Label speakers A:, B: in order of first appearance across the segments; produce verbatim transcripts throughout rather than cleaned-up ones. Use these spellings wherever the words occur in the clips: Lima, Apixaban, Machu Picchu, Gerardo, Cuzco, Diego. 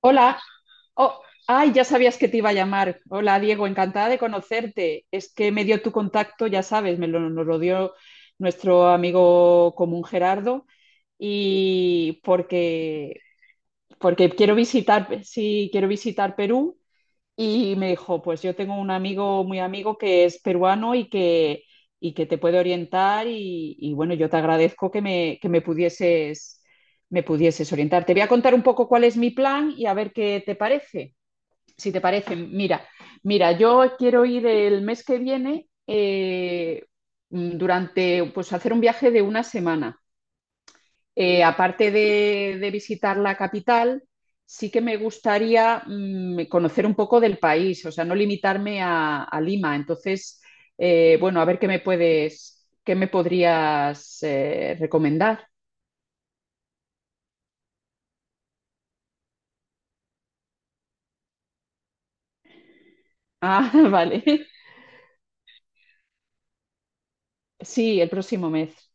A: Hola. Oh, ay, ya sabías que te iba a llamar. Hola, Diego, encantada de conocerte. Es que me dio tu contacto, ya sabes, me lo, nos lo dio nuestro amigo común Gerardo y porque porque quiero visitar, sí, quiero visitar Perú. Y me dijo, pues yo tengo un amigo, muy amigo, que es peruano y que, y que te puede orientar y, y bueno, yo te agradezco que me, que me pudieses, me pudieses orientar. Te voy a contar un poco cuál es mi plan y a ver qué te parece. Si te parece, mira, mira, yo quiero ir el mes que viene eh, durante, pues hacer un viaje de una semana. Eh, aparte de, de visitar la capital, sí que me gustaría mm, conocer un poco del país, o sea, no limitarme a, a Lima. Entonces, eh, bueno, a ver qué me puedes, qué me podrías eh, recomendar. Ah, vale. Sí, el próximo mes.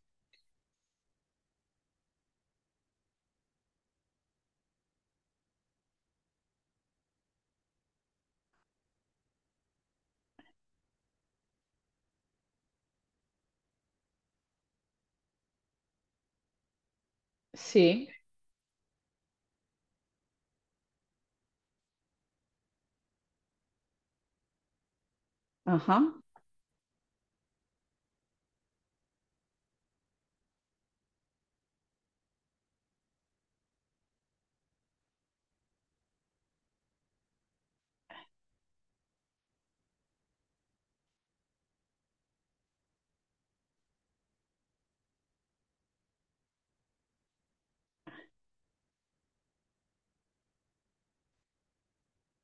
A: Sí. Ajá.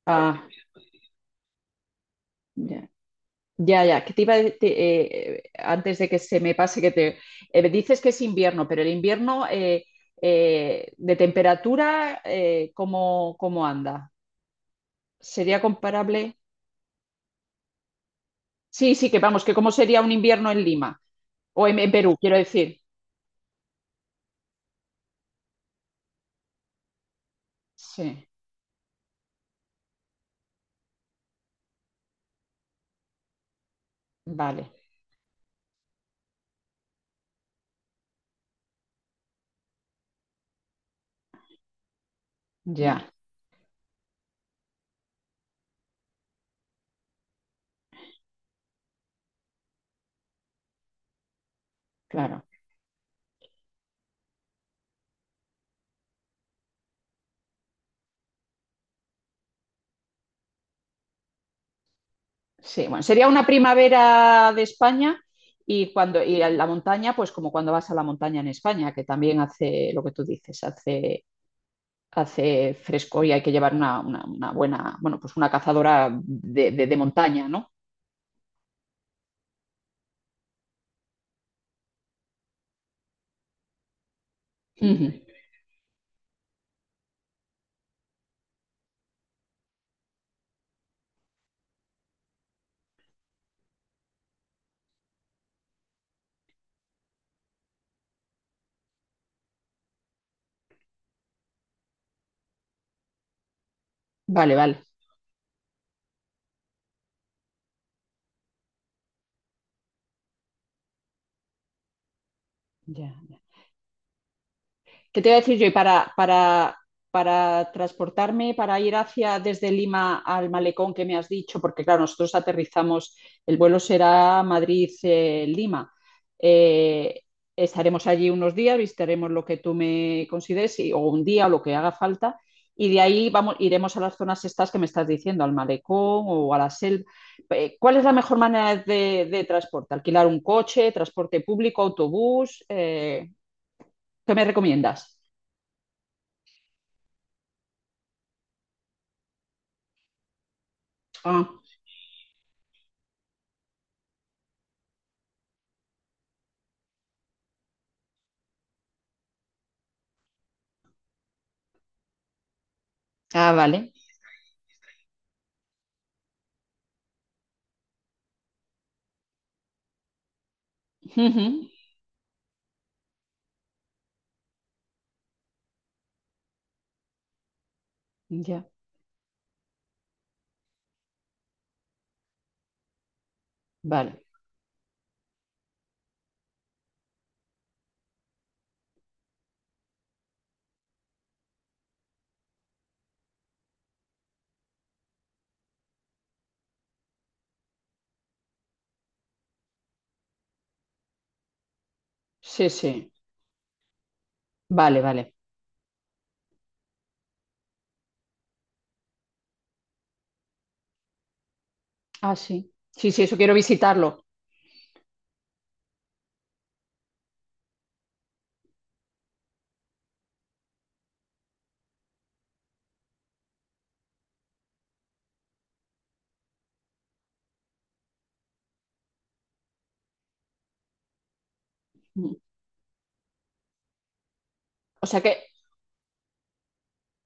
A: Ah, ya. Ya, ya, que te iba a de- te- eh, antes de que se me pase que te eh, dices que es invierno, pero el invierno eh, eh, de temperatura, eh, ¿cómo, cómo anda? ¿Sería comparable? Sí, sí, que vamos, que cómo sería un invierno en Lima o en, en Perú, quiero decir. Sí, vale, ya, claro. Sí, bueno, sería una primavera de España. Y cuando y a la montaña, pues como cuando vas a la montaña en España, que también hace lo que tú dices, hace hace fresco y hay que llevar una, una- una buena, bueno, pues una cazadora de, de- de montaña, ¿no? Ujú. Vale, vale. Ya. ¿Qué te iba a decir yo? Y para, para, para transportarme, para ir hacia desde Lima al malecón que me has dicho, porque claro, nosotros aterrizamos, el vuelo será Madrid-Lima. Estaremos allí unos días, visitaremos lo que tú me consideres, y- o un día, o lo que haga falta, y de ahí vamos, iremos a las zonas estas que me estás diciendo, al malecón o a la selva. Eh, ¿cuál es la mejor manera de, de transporte? ¿Alquilar un coche, transporte público, autobús? Eh, ¿qué me recomiendas? Ah, ah, vale. Ujú. Ya, vale. Sí, sí. Vale, vale. Ah, sí. Sí, sí, eso quiero visitarlo. Mm. O sea que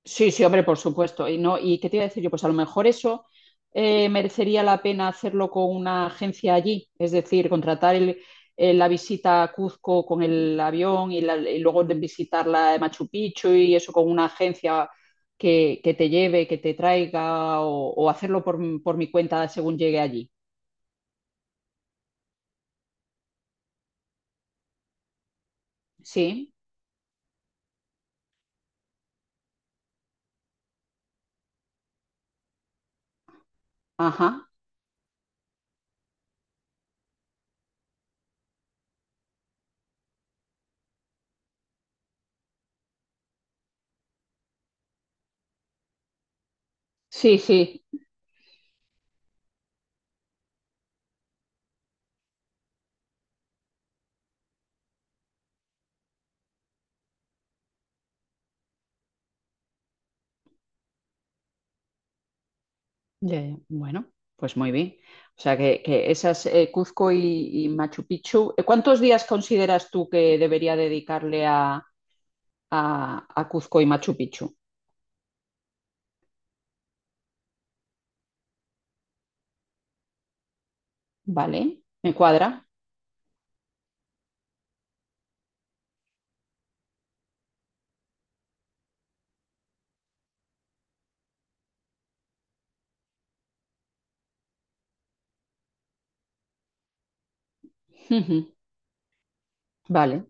A: sí, sí, hombre, por supuesto. Y no, ¿y qué te iba a decir yo? Pues a lo mejor eso eh, merecería la pena hacerlo con una agencia allí, es decir, contratar el- eh, la visita a Cuzco con el avión y, la- y luego de visitar la de Machu Picchu y eso con una agencia que, que te lleve, que te traiga o, o hacerlo por, por mi cuenta según llegue allí. Sí, ajá. Sí, sí. Ya, ya. Bueno, pues muy bien. O sea que, que esas eh, Cuzco y, y Machu Picchu, ¿eh, ¿cuántos días consideras tú que debería dedicarle a, a- a Cuzco y Machu Picchu? Vale, me cuadra. Ujú. Vale.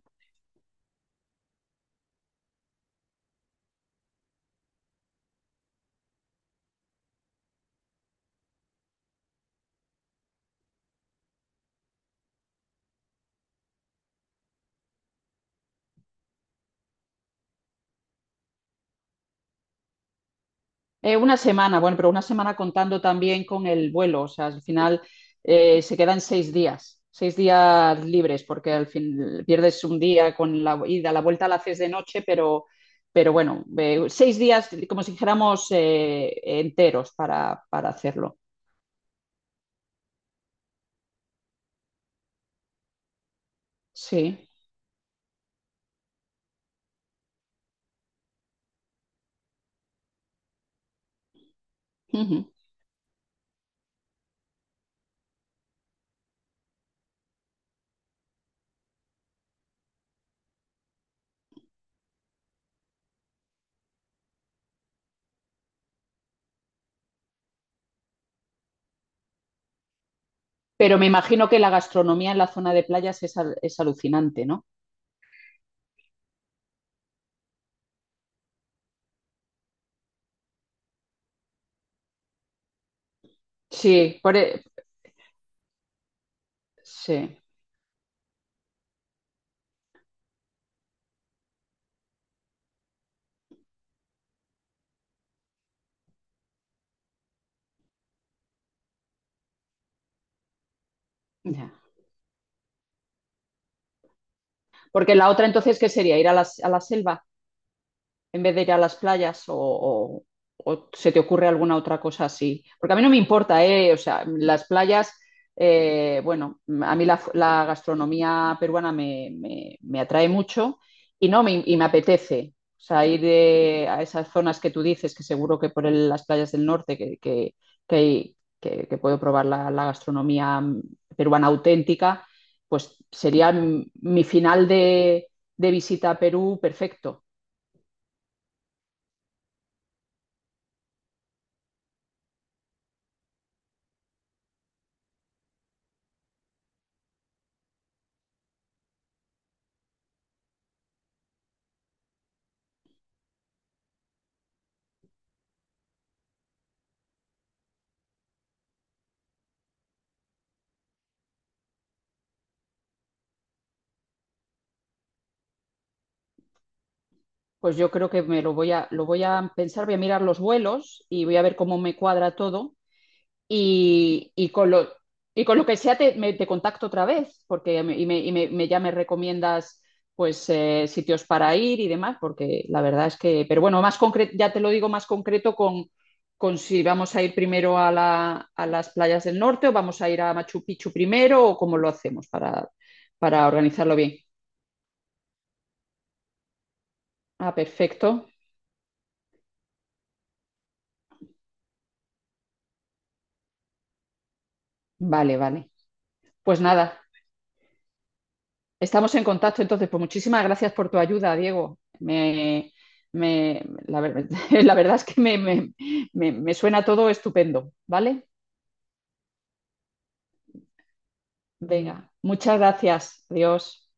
A: Eh, una semana, bueno, pero una semana contando también con el vuelo, o sea, al final eh, se quedan seis días, seis días libres, porque al fin pierdes un día con la ida, la vuelta la haces de noche, pero, pero bueno, eh, seis días, como si dijéramos, eh, enteros para, para hacerlo. Sí. Ujú. Pero me imagino que la gastronomía en la zona de playas es, al- es alucinante, ¿no? Sí, por, e- sí. Ya. Porque la otra entonces, ¿qué sería? ¿Ir a la, a la selva? En vez de ir a las playas o, o- o se te ocurre alguna otra cosa así. Porque a mí no me importa, ¿eh? O sea, las playas, eh, bueno, a mí la, la gastronomía peruana me, me- me atrae mucho y no me, y me apetece. O sea, ir de- a esas zonas que tú dices, que seguro que por el- las playas del norte, que, que, que, hay- que- que puedo probar la, la gastronomía peruana auténtica, pues sería mi mi final de, de visita a Perú perfecto. Pues yo creo que me lo voy a, lo voy a pensar, voy a mirar los vuelos y voy a ver cómo me cuadra todo. Y, y con lo, y con lo que sea te, me- te contacto otra vez, porque me- y me, y me- me- ya me recomiendas pues eh, sitios para ir y demás, porque la verdad es que, pero bueno, más concreto, ya te lo digo más concreto con, con si vamos a ir primero a la- a las playas del norte o vamos a ir a Machu Picchu primero o cómo lo hacemos para, para organizarlo bien. Ah, perfecto. Vale, vale. Pues nada. Estamos en contacto, entonces, pues muchísimas gracias por tu ayuda, Diego. Me, me- la, ver- la verdad es que me, me me- me suena todo estupendo, ¿vale? Venga, muchas gracias. Adiós.